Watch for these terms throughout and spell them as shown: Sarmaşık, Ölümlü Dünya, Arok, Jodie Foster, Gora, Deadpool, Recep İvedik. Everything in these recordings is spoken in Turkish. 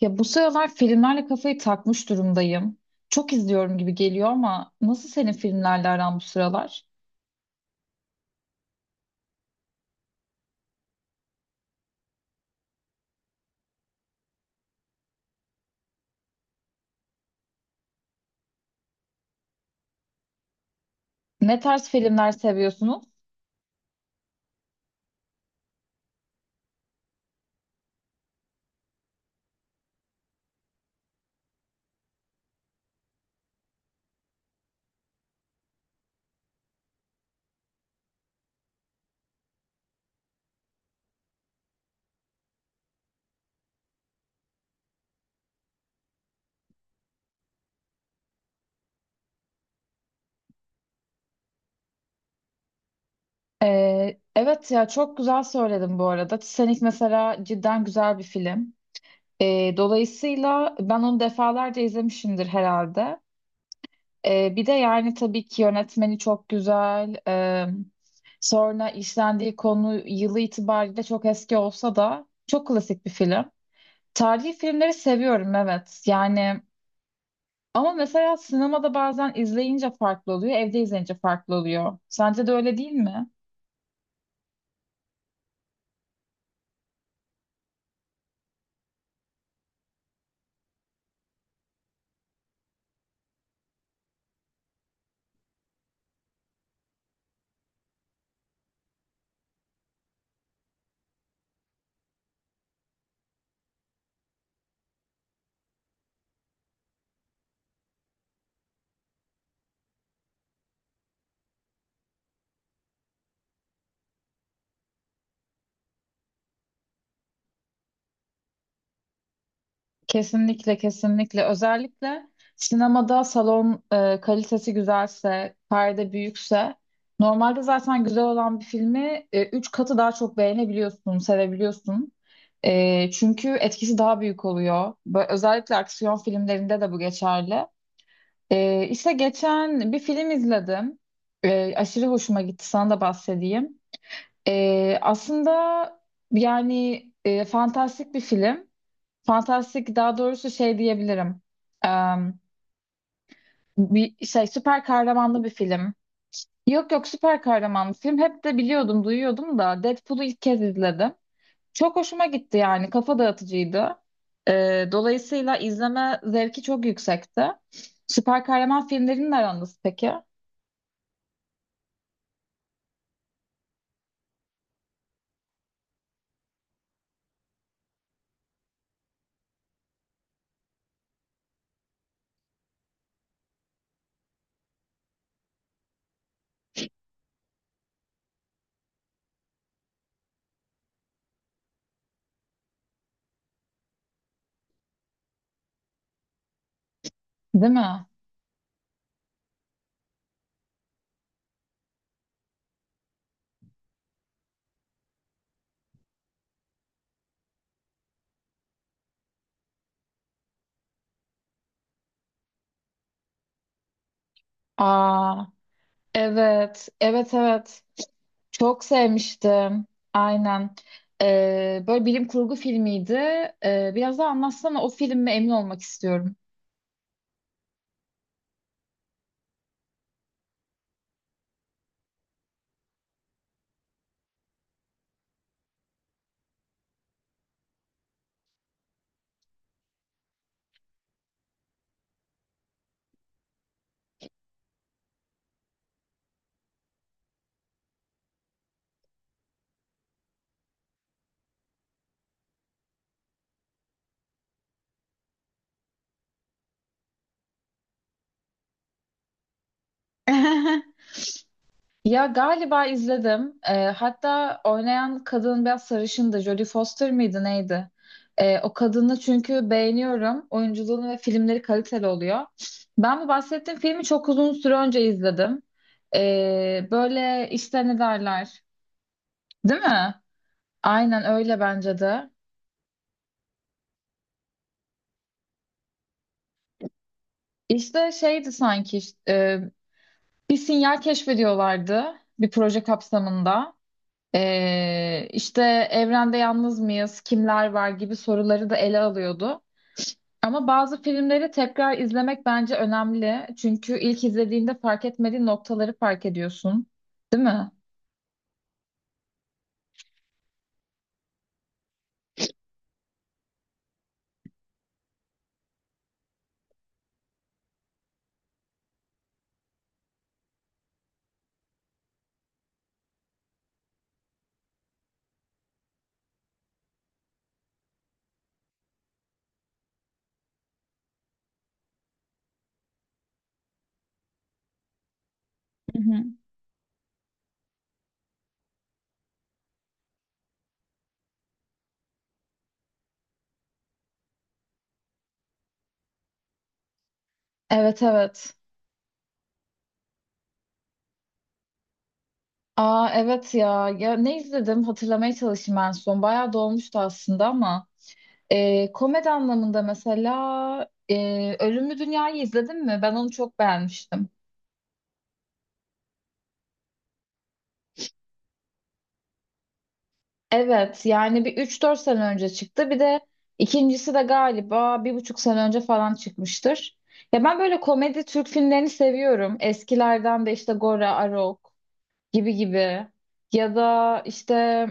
Ya bu sıralar filmlerle kafayı takmış durumdayım. Çok izliyorum gibi geliyor ama nasıl senin filmlerle aran bu sıralar? Ne tarz filmler seviyorsunuz? Evet ya çok güzel söyledim bu arada. Titanic mesela cidden güzel bir film. Dolayısıyla ben onu defalarca izlemişimdir herhalde. Bir de yani tabii ki yönetmeni çok güzel. Sonra işlendiği konu yılı itibariyle çok eski olsa da çok klasik bir film. Tarihi filmleri seviyorum evet. Yani ama mesela sinemada bazen izleyince farklı oluyor, evde izleyince farklı oluyor. Sence de öyle değil mi? Kesinlikle, kesinlikle. Özellikle sinemada salon kalitesi güzelse, perde büyükse, normalde zaten güzel olan bir filmi 3 katı daha çok beğenebiliyorsun, sevebiliyorsun. Çünkü etkisi daha büyük oluyor. Özellikle aksiyon filmlerinde de bu geçerli. E, işte geçen bir film izledim. Aşırı hoşuma gitti, sana da bahsedeyim. Aslında yani fantastik bir film. Fantastik, daha doğrusu şey diyebilirim. Em, bir şey, süper kahramanlı bir film. Yok, yok, süper kahramanlı film. Hep de biliyordum, duyuyordum da Deadpool'u ilk kez izledim. Çok hoşuma gitti yani. Kafa dağıtıcıydı. Dolayısıyla izleme zevki çok yüksekti. Süper kahraman filmlerinin aranız peki? Değil mi? Aa, evet, evet, evet. Çok sevmiştim. Aynen. Böyle bilim kurgu filmiydi. Biraz daha anlatsana o filmi, emin olmak istiyorum. Ya galiba izledim. Hatta oynayan kadın biraz sarışındı. Jodie Foster mıydı neydi? O kadını çünkü beğeniyorum. Oyunculuğunu ve filmleri kaliteli oluyor. Ben bu bahsettiğim filmi çok uzun süre önce izledim. Böyle işte ne derler? Değil mi? Aynen öyle bence de. İşte şeydi sanki, e, bir sinyal keşfediyorlardı bir proje kapsamında. İşte evrende yalnız mıyız, kimler var gibi soruları da ele alıyordu. Ama bazı filmleri tekrar izlemek bence önemli. Çünkü ilk izlediğinde fark etmediğin noktaları fark ediyorsun. Değil mi? Hı hı. Evet, evet. Aa evet ya. Ya ne izledim hatırlamaya çalışayım en son. Bayağı dolmuştu aslında ama. Komedi anlamında mesela Ölümlü Dünya'yı izledin mi? Ben onu çok beğenmiştim. Evet, yani bir 3-4 sene önce çıktı. Bir de ikincisi de galiba 1,5 sene önce falan çıkmıştır. Ya ben böyle komedi Türk filmlerini seviyorum. Eskilerden de işte Gora, Arok gibi gibi. Ya da işte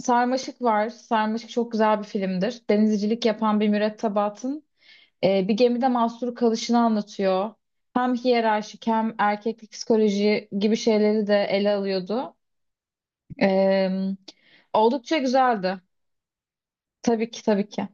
Sarmaşık var. Sarmaşık çok güzel bir filmdir. Denizcilik yapan bir mürettebatın bir gemide mahsur kalışını anlatıyor. Hem hiyerarşik hem erkeklik psikoloji gibi şeyleri de ele alıyordu. E, oldukça güzeldi. Tabii ki, tabii ki.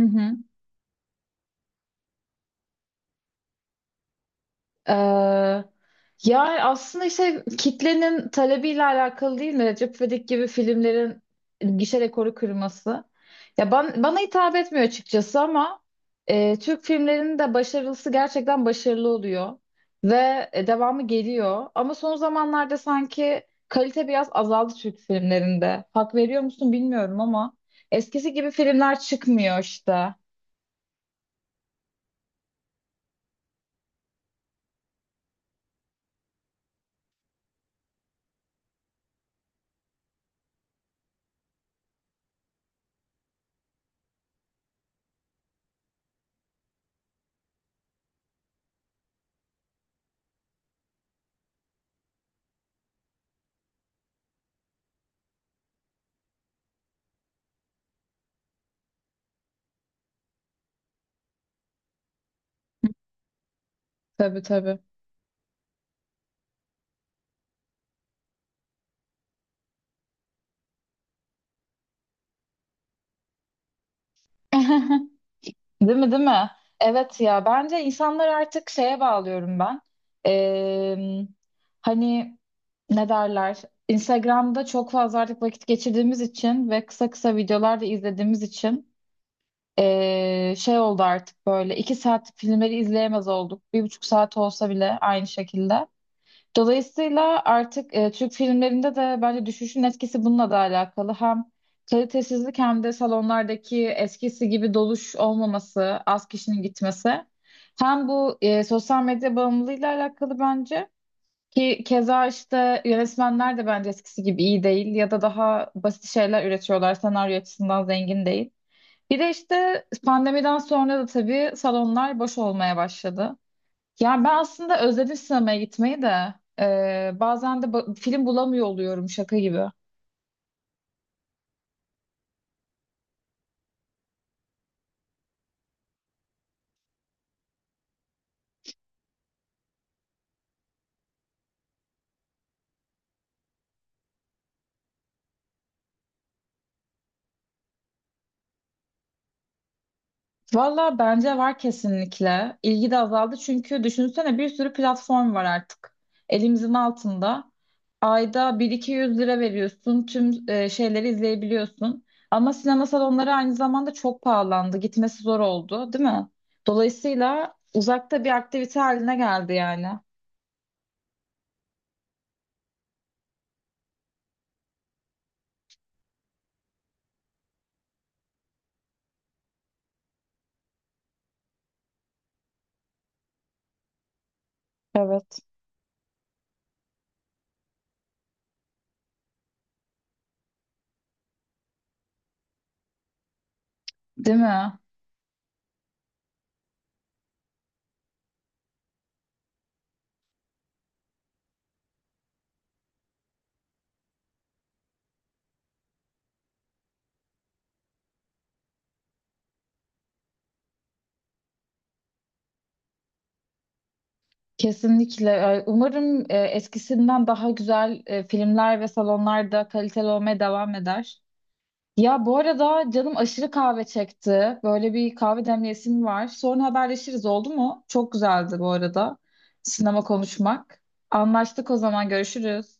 Hı hı. Ee, Yani aslında işte kitlenin talebiyle alakalı değil mi? Recep İvedik gibi filmlerin gişe rekoru kırması. Ya bana hitap etmiyor açıkçası ama Türk filmlerinin de başarılısı gerçekten başarılı oluyor. Ve devamı geliyor. Ama son zamanlarda sanki kalite biraz azaldı Türk filmlerinde. Hak veriyor musun bilmiyorum ama eskisi gibi filmler çıkmıyor işte. Tabii, tabii. Değil mi, değil mi? Evet ya, bence insanlar artık şeye bağlıyorum ben. Ee, Hani ne derler? Instagram'da çok fazla artık vakit geçirdiğimiz için ve kısa kısa videolar da izlediğimiz için şey oldu, artık böyle 2 saat filmleri izleyemez olduk. 1,5 saat olsa bile aynı şekilde. Dolayısıyla artık Türk filmlerinde de bence düşüşün etkisi bununla da alakalı. Hem kalitesizlik, hem de salonlardaki eskisi gibi doluş olmaması, az kişinin gitmesi. Hem bu sosyal medya bağımlılığıyla alakalı bence. Ki keza işte yönetmenler de bence eskisi gibi iyi değil ya da daha basit şeyler üretiyorlar. Senaryo açısından zengin değil. Bir de işte pandemiden sonra da tabii salonlar boş olmaya başladı. Yani ben aslında özledim sinemaya gitmeyi de. Bazen de film bulamıyor oluyorum, şaka gibi. Valla bence var, kesinlikle. İlgi de azaldı çünkü düşünsene bir sürü platform var artık elimizin altında. Ayda 1.200 lira veriyorsun, tüm şeyleri izleyebiliyorsun. Ama sinema salonları aynı zamanda çok pahalandı, gitmesi zor oldu değil mi? Dolayısıyla uzakta bir aktivite haline geldi yani. Evet. Değil mi? Kesinlikle. Umarım eskisinden daha güzel filmler ve salonlarda kaliteli olmaya devam eder. Ya bu arada canım aşırı kahve çekti. Böyle bir kahve demleyesim var. Sonra haberleşiriz, oldu mu? Çok güzeldi bu arada sinema konuşmak. Anlaştık o zaman, görüşürüz.